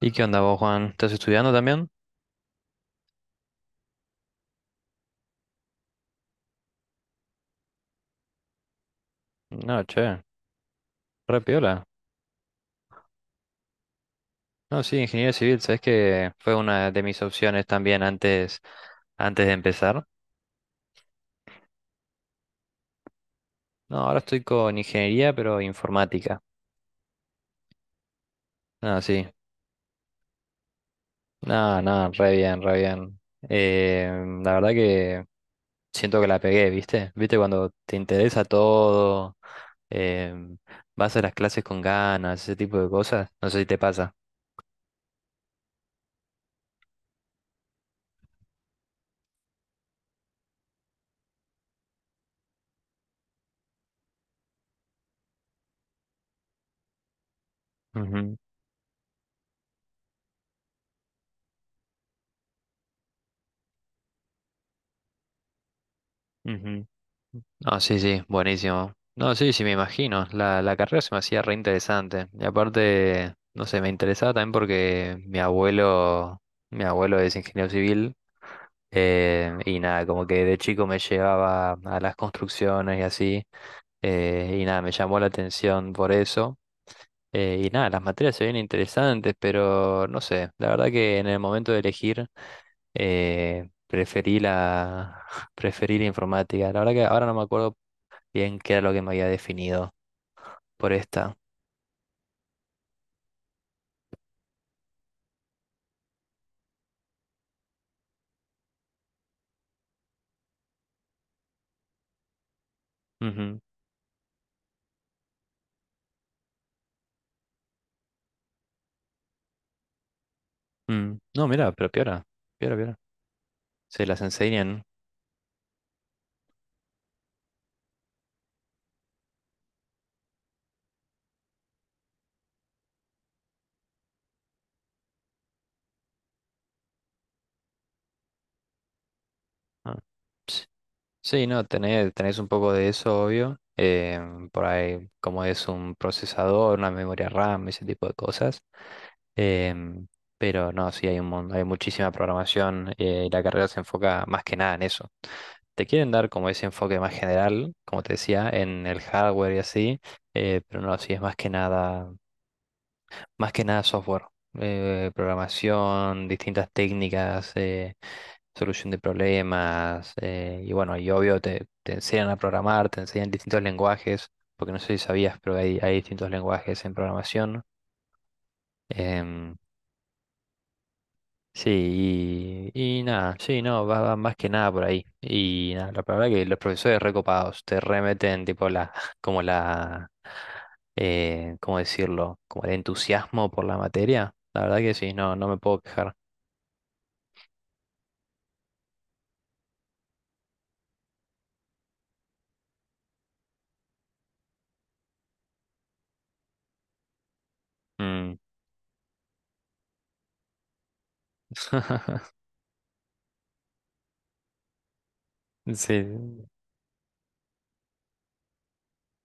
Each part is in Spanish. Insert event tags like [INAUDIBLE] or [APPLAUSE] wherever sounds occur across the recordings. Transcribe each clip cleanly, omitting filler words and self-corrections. ¿Y qué onda vos, Juan? ¿Estás estudiando también? No, che, re piola. No, sí, ingeniería civil, sabes que fue una de mis opciones también antes, antes de empezar. No, ahora estoy con ingeniería, pero informática. No, sí. No, no, re bien, re bien. Eh, la verdad que siento que la pegué, ¿viste? ¿Viste cuando te interesa todo? em, Vas a las clases con ganas, ese tipo de cosas. No sé si te pasa. Ujú. No, sí, sí, buenísimo. No, sí, sí, me imagino. La carrera se me hacía re interesante. Y aparte, no sé, me interesaba también porque mi abuelo es ingeniero civil. Y nada, como que de chico me llevaba a las construcciones y así. Y nada, me llamó la atención por eso. Y nada, las materias se ven interesantes, pero no sé, la verdad que en el momento de elegir eh, preferí la, [LAUGHS] preferí la informática. La verdad que ahora no me acuerdo bien qué era lo que me había definido por esta. Ujú, mm. No, mira, pero piora, piora, piora. Se las enseñan. Ah, ps. Sí, no, tenés un poco de eso, obvio. Por ahí, como es un procesador, una memoria RAM, ese tipo de cosas. em, pero no, sí, hay muchísima programación y la carrera se enfoca más que nada en eso. Te quieren dar como ese enfoque más general, como te decía, en el hardware y así, pero no, sí es más que nada software, programación, distintas técnicas, solución de problemas, y bueno, y obvio te enseñan a programar, te enseñan distintos lenguajes, porque no sé si sabías, pero hay distintos lenguajes en programación. em, Sí, y nada, sí, no, va más que nada por ahí. Y nada, la verdad que los profesores recopados te remeten, tipo, [LAUGHS] como la, ¿cómo decirlo? Como el entusiasmo por la materia. La verdad que sí, no, no me puedo quejar. Mm. [LAUGHS] Sí,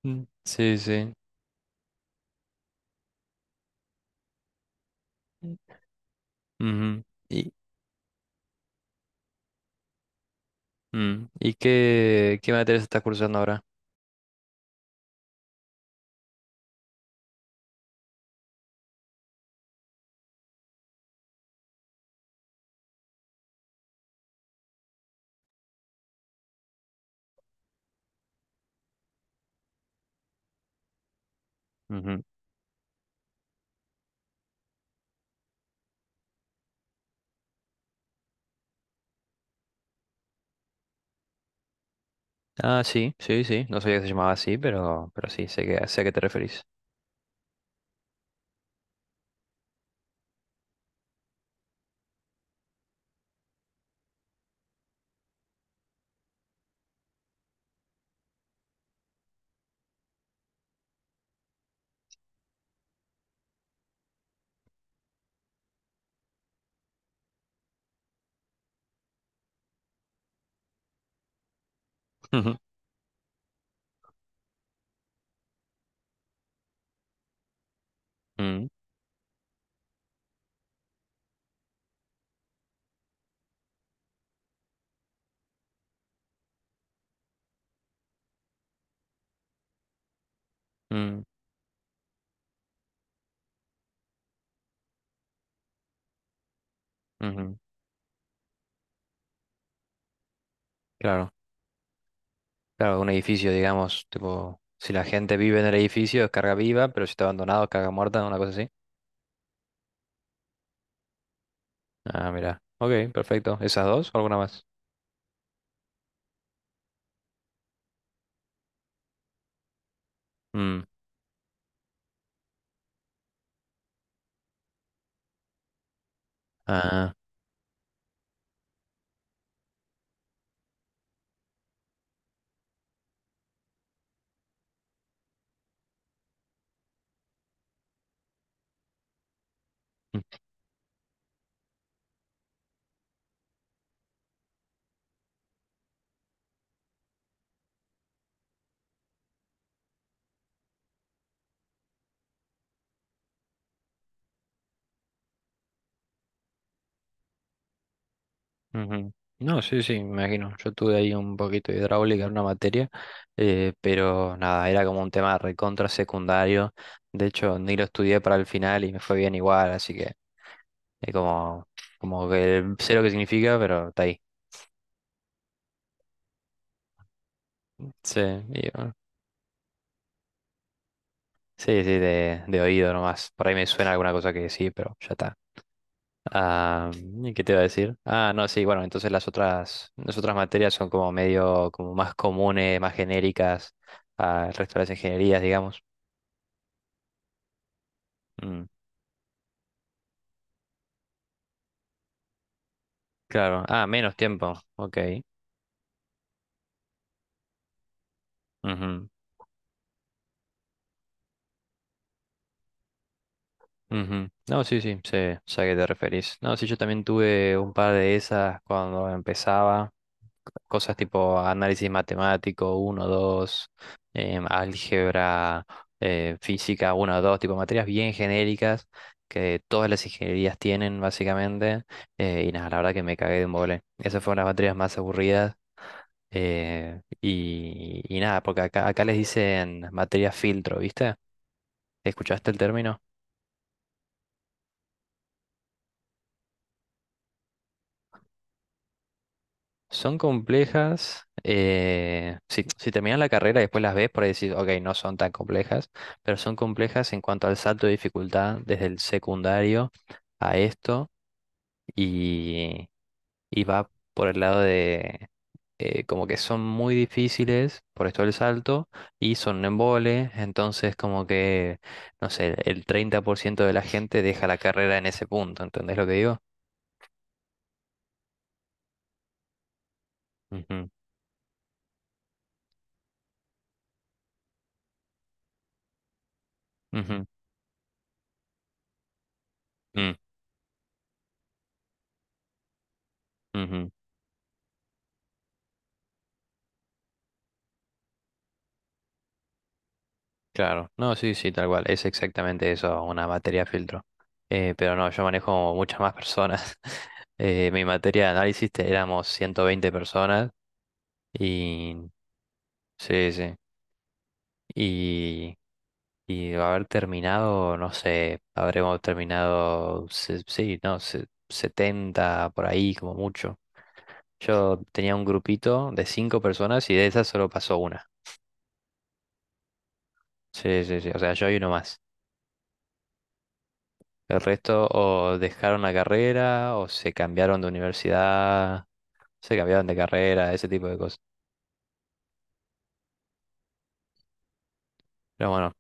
mm, sí, sí. Ujú. ¿Y qué, qué materias estás cursando ahora? Ujú. Ah, sí, sí, sí. No sabía que se llamaba así, pero sí, sé a qué te referís. [LAUGHS] Ujú. Mm, mm, ujú. Claro, claro, un edificio, digamos, tipo, si la gente vive en el edificio es carga viva, pero si está abandonado es carga muerta, una cosa así. Ah, mira. Ok, perfecto. ¿Esas dos o alguna más? Mm, Ah. Mm, ujú. No, sí, sí, me imagino. Yo tuve ahí un poquito de hidráulica en una materia, pero nada, era como un tema recontra secundario. De hecho, ni lo estudié para el final y me fue bien igual, así que es como, como que sé lo que significa, pero está ahí. Sí, y bueno, sí, sí, de oído nomás. Por ahí me suena alguna cosa que sí, pero ya está. ¿ ¿qué te iba a decir? Ah, no, sí, bueno, entonces las otras materias son como medio, como más comunes, más genéricas al resto de las ingenierías, digamos. Mm, claro. Ah, menos tiempo. Ok. Ujú, ujú. No, sí, sí, sé a qué te referís. No, sí, yo también tuve un par de esas cuando empezaba. Cosas tipo análisis matemático uno 2 álgebra, física uno 2 tipo materias bien genéricas que todas las ingenierías tienen básicamente. Y nada, la verdad que me cagué de mole. Esas fueron las materias más aburridas. Y nada, porque acá les dicen materia filtro, ¿viste? ¿Escuchaste el término? Son complejas. Si terminas la carrera y después las ves, por ahí decís, ok, no son tan complejas, pero son complejas en cuanto al salto de dificultad desde el secundario a esto y, y va por el lado de como que son muy difíciles por esto del salto y son un embole, entonces como que, no sé, el 30% de la gente deja la carrera en ese punto, ¿entendés lo que digo? Ujú, ujú, mm, ujú. Claro, no, sí, sí, tal cual, es exactamente eso, una materia filtro. Pero no, yo manejo muchas más personas. [LAUGHS] Mi materia de éramos 120 personas y sí, sí. Y, y de haber terminado, no sé, habremos terminado, sí, no, 70 por ahí como mucho. Yo tenía un grupito de 5 personas y de esas solo pasó una. Sí, sí, sí, o sea, yo y uno más. El resto o dejaron la carrera o se cambiaron de universidad, se cambiaron de carrera, ese tipo de cosas. Pero bueno,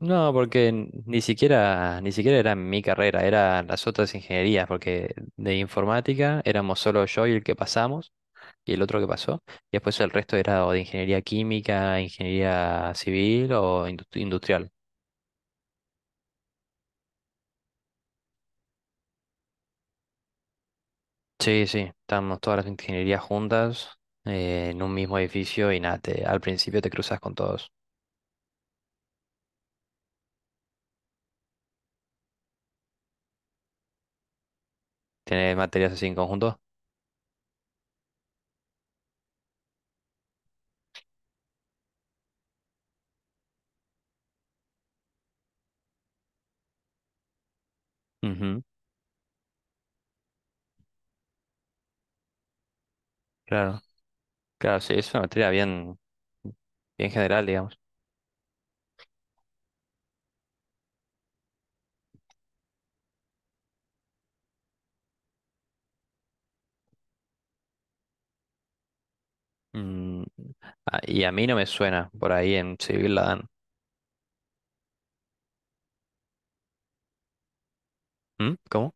no, porque ni siquiera, ni siquiera era mi carrera, eran las otras ingenierías, porque de informática éramos solo yo y el que pasamos y el otro que pasó. Y después el resto era o de ingeniería química, ingeniería civil o industrial. Sí, sí, estábamos todas las ingenierías juntas en un mismo edificio y nada, al principio te cruzas con todos. Tiene materias así en conjunto. Ujú, claro, claro, sí, es una materia bien, bien general, digamos. Mm, y a mí no me suena, por ahí en civil la dan. ¿Mm? ¿Cómo?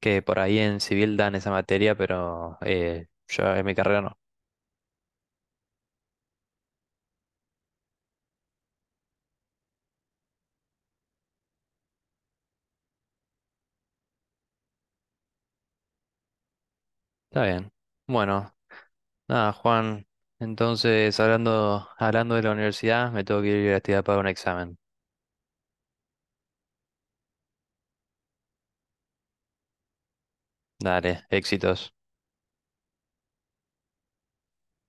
Que por ahí en civil dan esa materia, pero yo en mi carrera no. Está bien. Bueno, nada, Juan. Entonces, hablando, hablando de la universidad, me tengo que ir a estudiar para un examen. Dale, éxitos.